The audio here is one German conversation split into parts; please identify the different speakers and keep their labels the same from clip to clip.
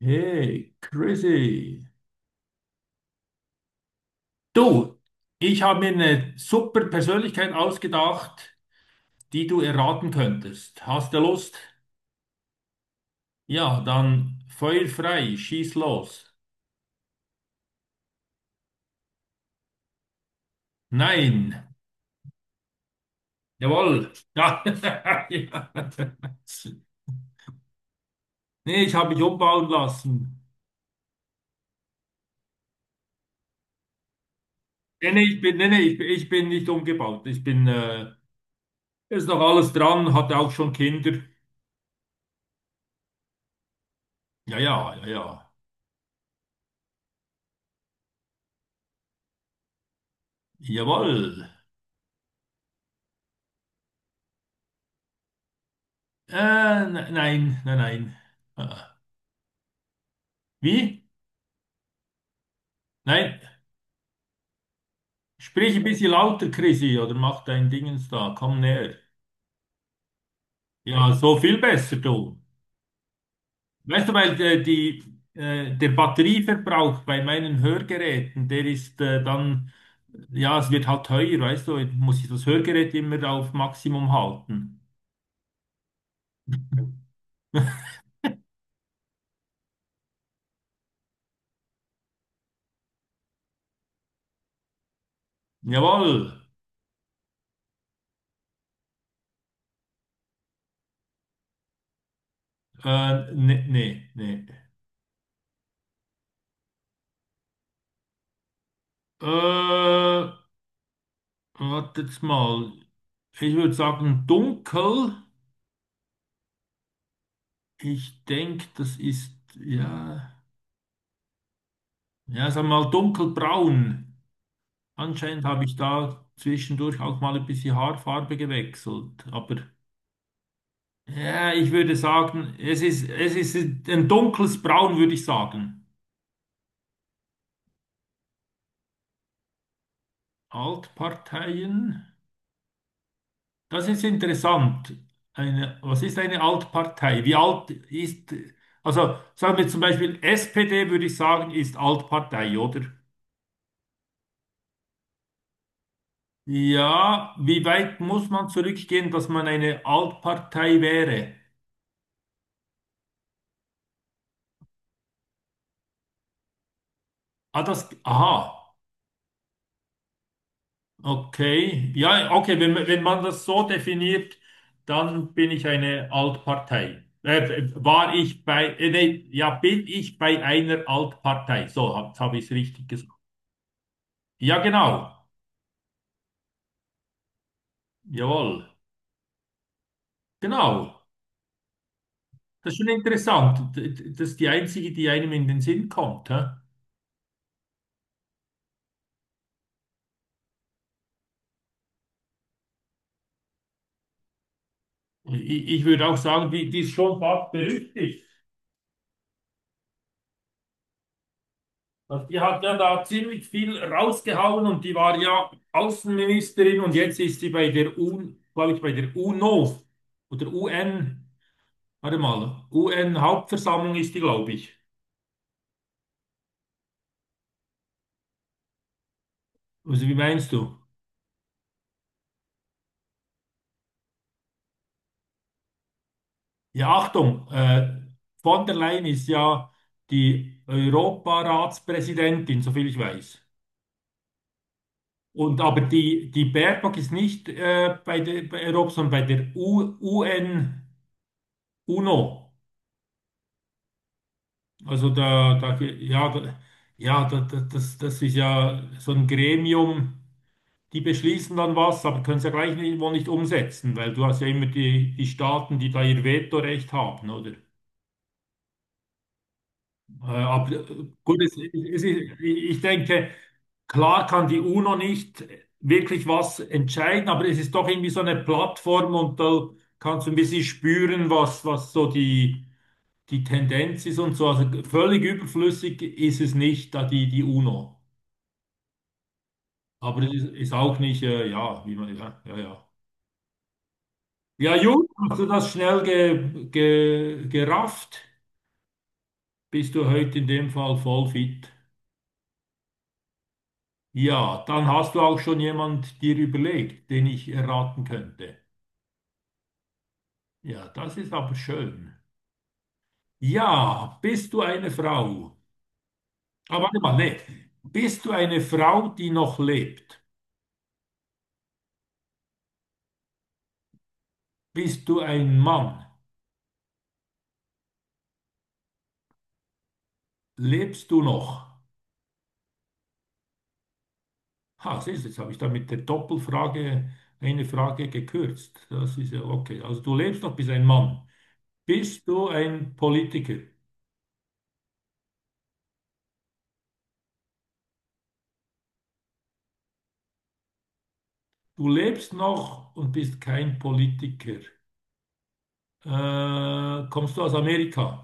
Speaker 1: Hey, crazy. Du, ich habe mir eine super Persönlichkeit ausgedacht, die du erraten könntest. Hast du Lust? Ja, dann Feuer frei, schieß los. Nein. Jawohl. Ja. Ja. Nee, ich habe mich umbauen lassen. Nee, nee, ich bin, nee, nee, ich bin nicht umgebaut. Ich bin, ist noch alles dran, hatte auch schon Kinder. Ja, ja, ja, ja. Jawohl. Äh, nein, nein, nein. Ah. Wie? Nein, sprich ein bisschen lauter, Chrissy, oder mach dein Dingens da, komm näher. Ja, so viel besser, du. Weißt du, weil die, der Batterieverbrauch bei meinen Hörgeräten, der ist dann, ja, es wird halt teuer, weißt du, jetzt muss ich das Hörgerät immer auf Maximum halten. Jawohl. Nee, nee, nee. Äh, wartet mal. Ich würde sagen dunkel. Ich denke, das ist, ja. Ja, sag mal dunkelbraun. Anscheinend habe ich da zwischendurch auch mal ein bisschen Haarfarbe gewechselt. Aber ja, ich würde sagen, es ist ein dunkles Braun, würde ich sagen. Altparteien. Das ist interessant. Eine, was ist eine Altpartei? Wie alt ist, also sagen wir zum Beispiel SPD, würde ich sagen, ist Altpartei, oder? Ja, wie weit muss man zurückgehen, dass man eine Altpartei wäre? Ah, das, aha. Okay, ja, okay, wenn, wenn man das so definiert, dann bin ich eine Altpartei. War ich bei, nee, ja, bin ich bei einer Altpartei. So, jetzt habe ich es richtig gesagt. Ja, genau. Jawohl. Genau. Das ist schon interessant. Das ist die einzige, die einem in den Sinn kommt. Hä? Ich würde auch sagen, die ist schon fast berüchtigt. Also die hat ja da ziemlich viel rausgehauen und die war ja Außenministerin, und jetzt ist sie bei der UN, glaube ich, bei der UNO oder UN, warte mal, UN-Hauptversammlung ist die, glaube ich. Also wie meinst du? Ja, Achtung, von der Leyen ist ja die Europaratspräsidentin, soviel ich weiß. Und aber die, die Baerbock ist nicht bei der bei Europa, sondern bei der U UN UNO. Also da, da, ja, da, ja, da, da, das, das ist ja so ein Gremium, die beschließen dann was, aber können es ja gleich nicht, wohl nicht umsetzen, weil du hast ja immer die, die Staaten, die da ihr Vetorecht haben, oder? Aber gut, es, ich denke, klar kann die UNO nicht wirklich was entscheiden, aber es ist doch irgendwie so eine Plattform, und da kannst du ein bisschen spüren, was, was so die die Tendenz ist und so, also völlig überflüssig ist es nicht, da die, die UNO. Aber es ist, ist auch nicht, ja, wie man, ja, ja, ja. Ja, Jung, hast du das schnell gerafft? Bist du heute in dem Fall voll fit? Ja, dann hast du auch schon jemand dir überlegt, den ich erraten könnte. Ja, das ist aber schön. Ja, bist du eine Frau? Aber warte mal, nee. Bist du eine Frau, die noch lebt? Bist du ein Mann? Lebst du noch? Ha, siehst du, jetzt habe ich da mit der Doppelfrage eine Frage gekürzt. Das ist ja okay. Also du lebst noch, bist ein Mann. Bist du ein Politiker? Du lebst noch und bist kein Politiker. Kommst du aus Amerika?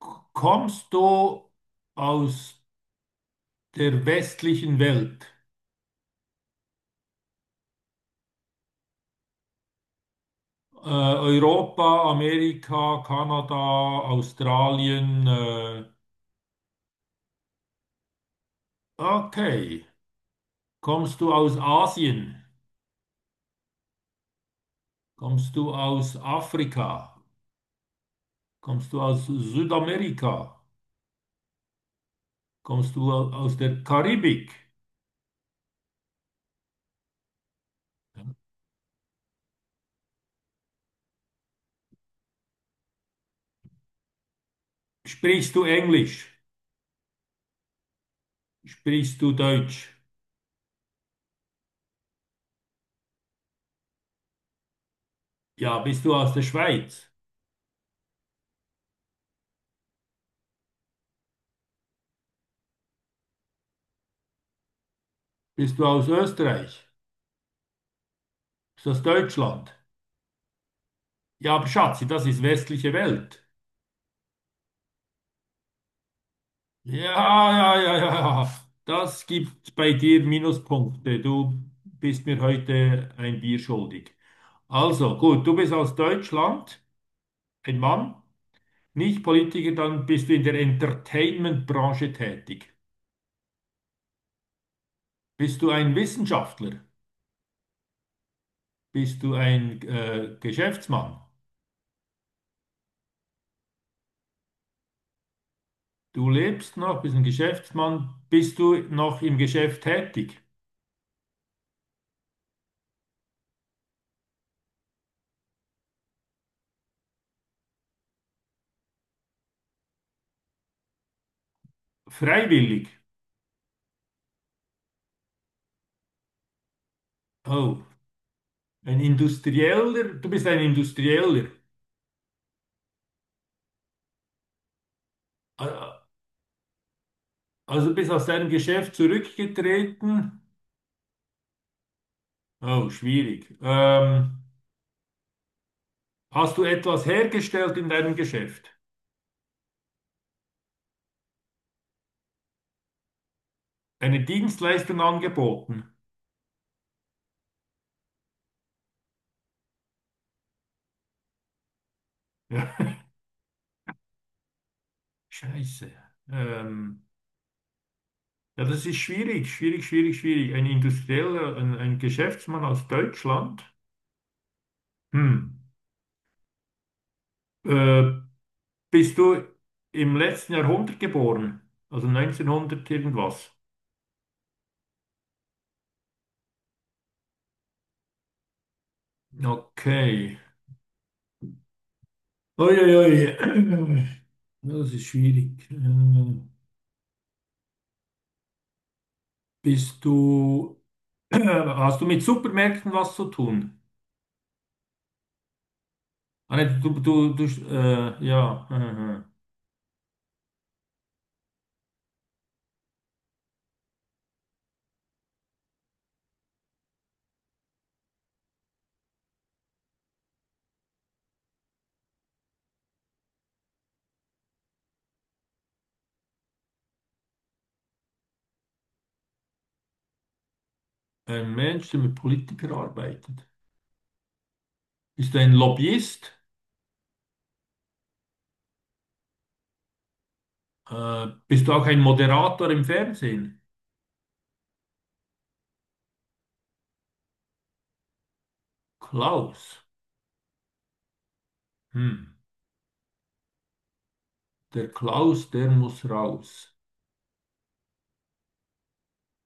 Speaker 1: Kommst du aus der westlichen Welt? Europa, Amerika, Kanada, Australien. Okay. Kommst du aus Asien? Kommst du aus Afrika? Kommst du aus Südamerika? Kommst du aus der Karibik? Sprichst du Englisch? Sprichst du Deutsch? Ja, bist du aus der Schweiz? Bist du aus Österreich? Bist du aus Deutschland? Ja, aber Schatzi, das ist westliche Welt. Ja, ja, ja, ja, ja. Das gibt bei dir Minuspunkte. Du bist mir heute ein Bier schuldig. Also, gut, du bist aus Deutschland, ein Mann. Nicht Politiker, dann bist du in der Entertainment-Branche tätig. Bist du ein Wissenschaftler? Bist du ein Geschäftsmann? Du lebst noch, bist ein Geschäftsmann. Bist du noch im Geschäft tätig? Freiwillig. Oh, ein Industrieller. Du bist ein Industrieller. Ah, also bist aus deinem Geschäft zurückgetreten. Oh, schwierig. Hast du etwas hergestellt in deinem Geschäft? Eine Dienstleistung angeboten? Scheiße. Ähm, ja, das ist schwierig, schwierig, schwierig, schwierig. Ein Industrieller, ein Geschäftsmann aus Deutschland. Hm. Äh, bist du im letzten Jahrhundert geboren? Also 1900 irgendwas? Okay. Uiuiui. Ja, das ist schwierig. Bist du, hast du mit Supermärkten was zu tun? Ah, nee, du, ja. Aha. Ein Mensch, der mit Politikern arbeitet. Bist du ein Lobbyist? Bist du auch ein Moderator im Fernsehen? Klaus. Hm. Der Klaus, der muss raus.